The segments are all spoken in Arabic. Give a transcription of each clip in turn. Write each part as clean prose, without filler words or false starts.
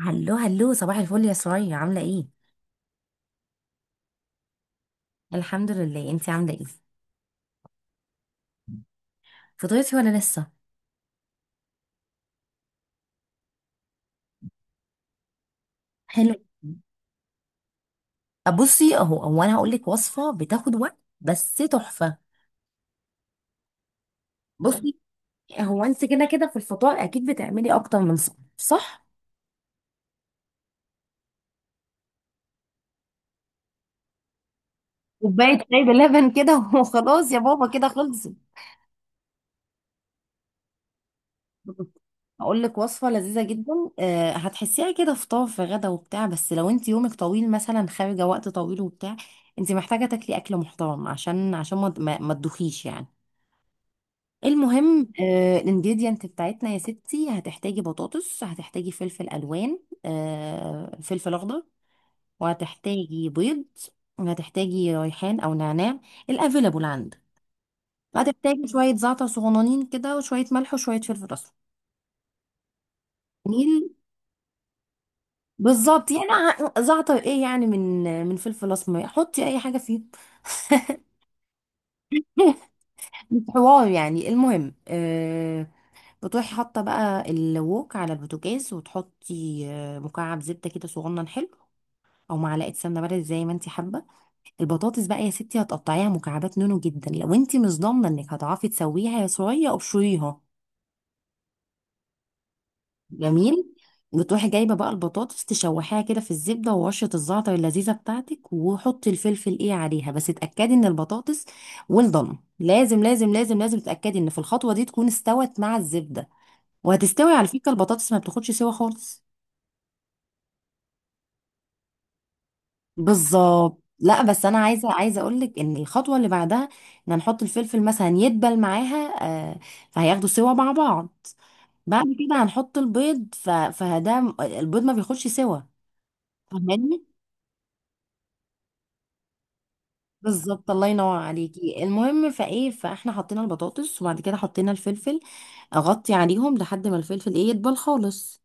هلو هلو، صباح الفل يا سرايا. عامله ايه؟ الحمد لله. انتي عامله ايه؟ فطرتي ولا لسه؟ حلو. بصي، اهو، انا هقول لك وصفه بتاخد وقت بس تحفه. بصي، هو انت كده كده في الفطار اكيد بتعملي اكتر من صح صح، كوبايه شاي بلبن كده وخلاص يا بابا كده خلصت. هقول لك وصفه لذيذه جدا. أه، هتحسيها كده فطار في غدا وبتاع، بس لو انت يومك طويل مثلا، خارجه وقت طويل وبتاع، انت محتاجه تاكلي اكل محترم عشان ما تدوخيش يعني. المهم، الانجريدينت بتاعتنا يا ستي: هتحتاجي بطاطس، هتحتاجي فلفل الوان، فلفل اخضر، وهتحتاجي بيض، وهتحتاجي ريحان او نعناع الافيلابل عندك، وهتحتاجي شويه زعتر صغننين كده وشويه ملح وشويه فلفل اسمر. جميل. بالظبط، يعني زعتر ايه يعني، من فلفل اسمر حطي اي حاجه فيه. مش حوار يعني. المهم، بتروحي حاطه بقى الوك على البوتاجاز، وتحطي مكعب زبده كده صغنن حلو، او معلقه سمنه بلدي زي ما انت حابه. البطاطس بقى يا ستي هتقطعيها مكعبات نونو جدا، لو انت مش ضامنه انك هتعرفي تسويها يا صويا ابشريها. جميل. بتروحي جايبه بقى البطاطس تشوحيها كده في الزبده، ورشه الزعتر اللذيذه بتاعتك، وحطي الفلفل ايه عليها، بس اتاكدي ان البطاطس ويل دون. لازم لازم لازم لازم تتاكدي ان في الخطوه دي تكون استوت مع الزبده. وهتستوي على فكره، البطاطس ما بتاخدش سوا خالص. بالظبط. لا بس انا عايزه اقول لك ان الخطوه اللي بعدها ان هنحط الفلفل مثلا يدبل معاها. آه فهياخدوا سوا مع بعض. بعد كده هنحط البيض، البيض ما بياخدش سوا، فاهماني؟ بالظبط، الله ينور عليكي. المهم فايه، فاحنا حطينا البطاطس وبعد كده حطينا الفلفل. اغطي عليهم لحد ما الفلفل ايه يدبل خالص.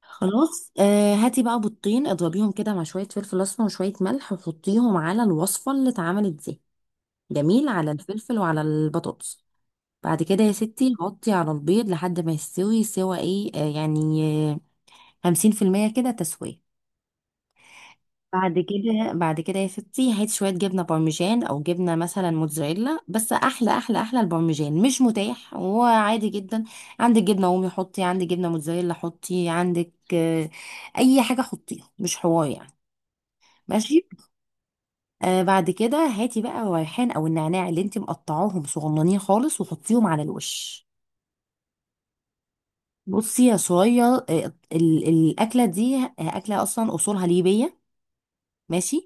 خلاص، هاتي بقى بيضتين اضربيهم كده مع شويه فلفل اسمر وشويه ملح، وحطيهم على الوصفه اللي اتعملت دي. جميل، على الفلفل وعلى البطاطس. بعد كده يا ستي نغطي على البيض لحد ما يستوي سوا ايه، يعني 50% كده تسوية. بعد كده يا ستي هات شوية جبنة بارميجان أو جبنة مثلا موتزاريلا، بس أحلى أحلى أحلى. البارميجان مش متاح وعادي جدا، عندك جبنة رومي حطي، عندك جبنة موتزاريلا حطي، عندك أي حاجة حطيها، مش حوار يعني. ماشي. بعد كده هاتي بقى الريحان أو النعناع اللي انت مقطعاهم صغننين خالص وحطيهم على الوش. بصي يا صويا، الاكله دي، اكله اصلا اصولها ليبيه، ماشي؟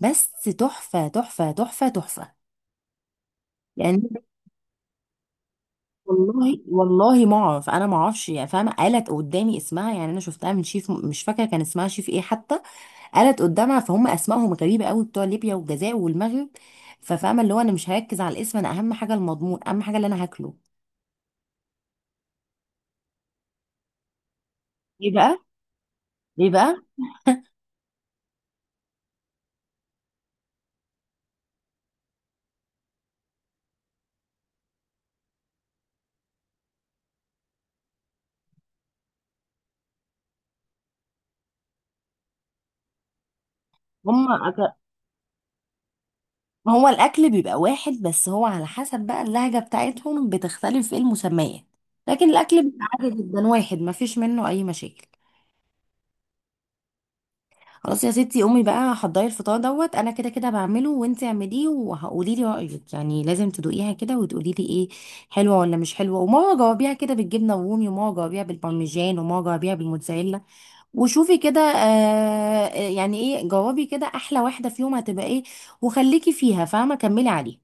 بس تحفه تحفه تحفه تحفه يعني. والله والله ما اعرف، انا ما اعرفش يعني، فاهمه؟ قالت قدامي اسمها، يعني انا شفتها من شيف مش فاكره كان اسمها شيف ايه حتى، قالت قدامها، فهم اسمائهم غريبه قوي بتوع ليبيا والجزائر والمغرب. ففاهمه اللي هو انا مش هركز على الاسم، انا اهم حاجه المضمون، اهم حاجه اللي انا هاكله. ايه بقى؟ ايه بقى؟ هم. ما هو الأكل بيبقى واحد، بس هو على حسب بقى اللهجة بتاعتهم بتختلف في المسميات، لكن الأكل بيبقى عادي جدا واحد ما فيش منه أي مشاكل. خلاص يا ستي قومي بقى حضري الفطار دوت، أنا كده كده بعمله وانتي اعمليه وهقولي لي رأيك، يعني لازم تدوقيها كده وتقولي لي ايه، حلوة ولا مش حلوة، وماما جاوبيها كده بالجبنة الرومي، وماما جاوبيها بالبارميجان، وماما جاوبيها بالموتزاريلا. وشوفي كده، يعني ايه، جاوبي كده أحلى واحدة فيهم هتبقى ايه، وخليكي فيها فاهمة، كملي عليها.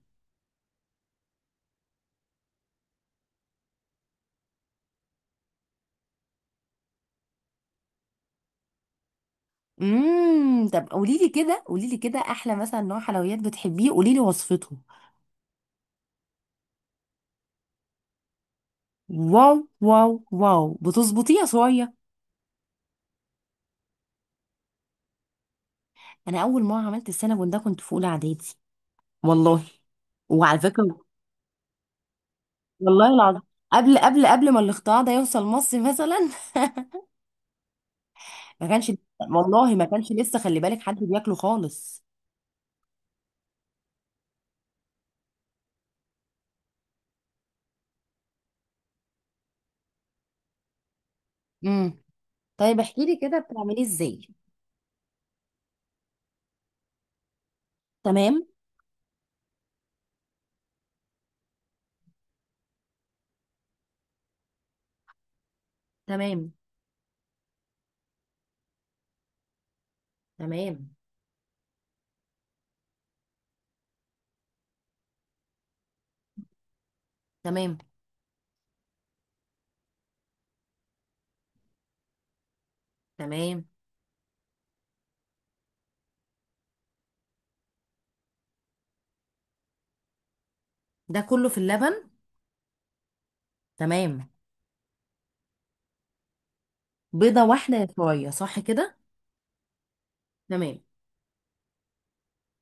امم، طب قولي لي كده، قولي لي كده احلى مثلا نوع حلويات بتحبيه، قولي لي وصفته. واو واو واو، بتظبطيه يا صويا؟ انا اول مره عملت السينابون ده كنت في اولى اعدادي، والله. وعلى فكره، والله العظيم، قبل قبل قبل ما الاختراع ده يوصل مصر مثلا ما كانش، والله ما كانش لسه خلي بالك حد بياكله خالص. امم. طيب احكي لي كده بتعمليه ازاي. تمام. تمام. تمام. تمام. تمام. ده كله في اللبن؟ تمام. بيضة واحدة يا شوية، صح كده؟ تمام.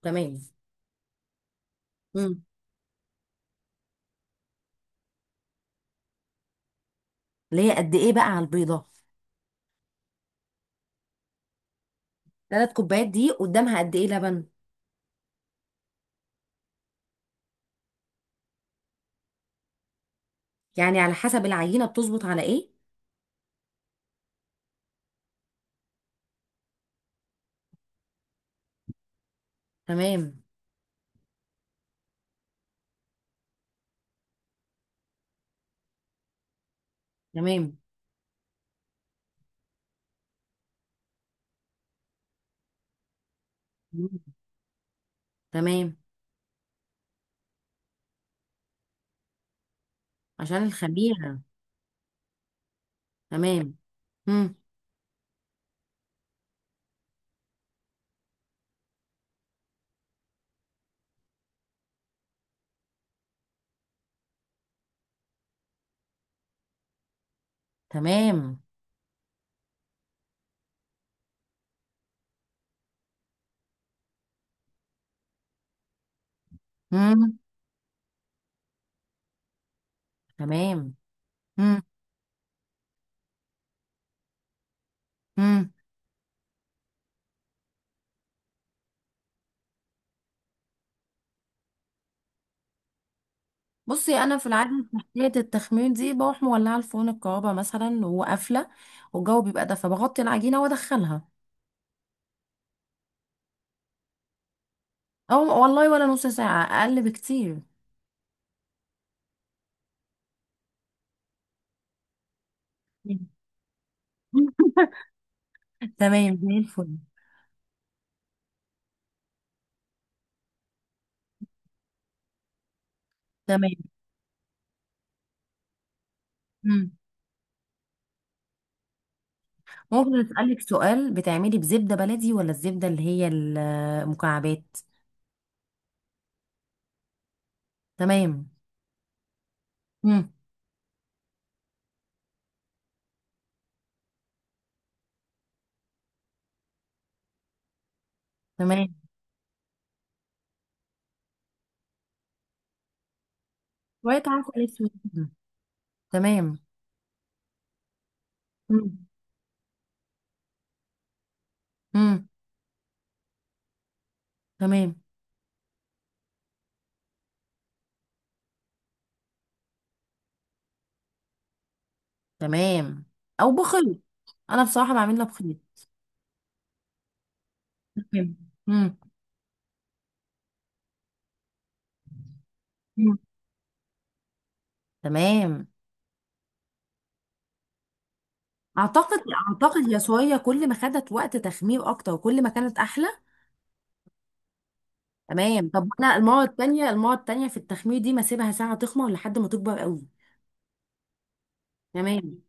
تمام. امم. اللي هي قد ايه بقى على البيضة؟ 3 كوبايات، دي قدامها قد ايه لبن؟ يعني على حسب العينة، بتظبط على ايه؟ تمام. تمام. مم. تمام. عشان الخميرة. تمام. امم. تمام. امم. تمام. امم. امم. بصي انا في العاده في حكايه التخمير دي، بروح مولعه الفرن الكهرباء مثلا وقافله، والجو بيبقى ده، فبغطي العجينه وادخلها. او والله ولا نص ساعه، اقل بكتير. تمام زي الفل. تمام. مم. ممكن أسألك سؤال؟ بتعملي بزبدة بلدي ولا الزبدة اللي هي المكعبات؟ تمام. مم. تمام. شوية عسل أسود كده. تمام. مم. مم. تمام. تمام. أو بخيط. أنا بصراحة بعملها بخيط. تمام. مم. مم. تمام. أعتقد، أعتقد يا صويا كل ما خدت وقت تخمير أكتر وكل ما كانت أحلى. تمام. طب أنا المرة التانية في التخمير دي ما أسيبها ساعة تخمر لحد ما تكبر قوي. تمام.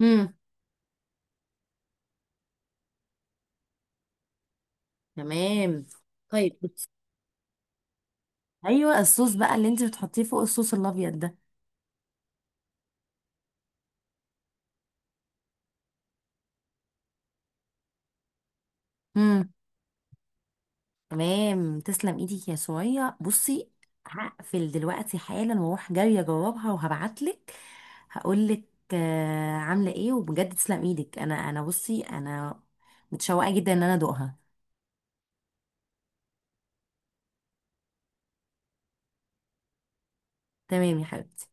امم. تمام. طيب بص. ايوه الصوص بقى اللي انت بتحطيه فوق الصوص الابيض ده. امم. تمام، تسلم ايدك يا سوريا. بصي، هقفل دلوقتي حالا واروح جايه اجربها، وهبعتلك هقولك عامله ايه، وبجد تسلم ايدك. انا بصي، انا متشوقه جدا ان انا ادوقها. تمام يا حبيبتي.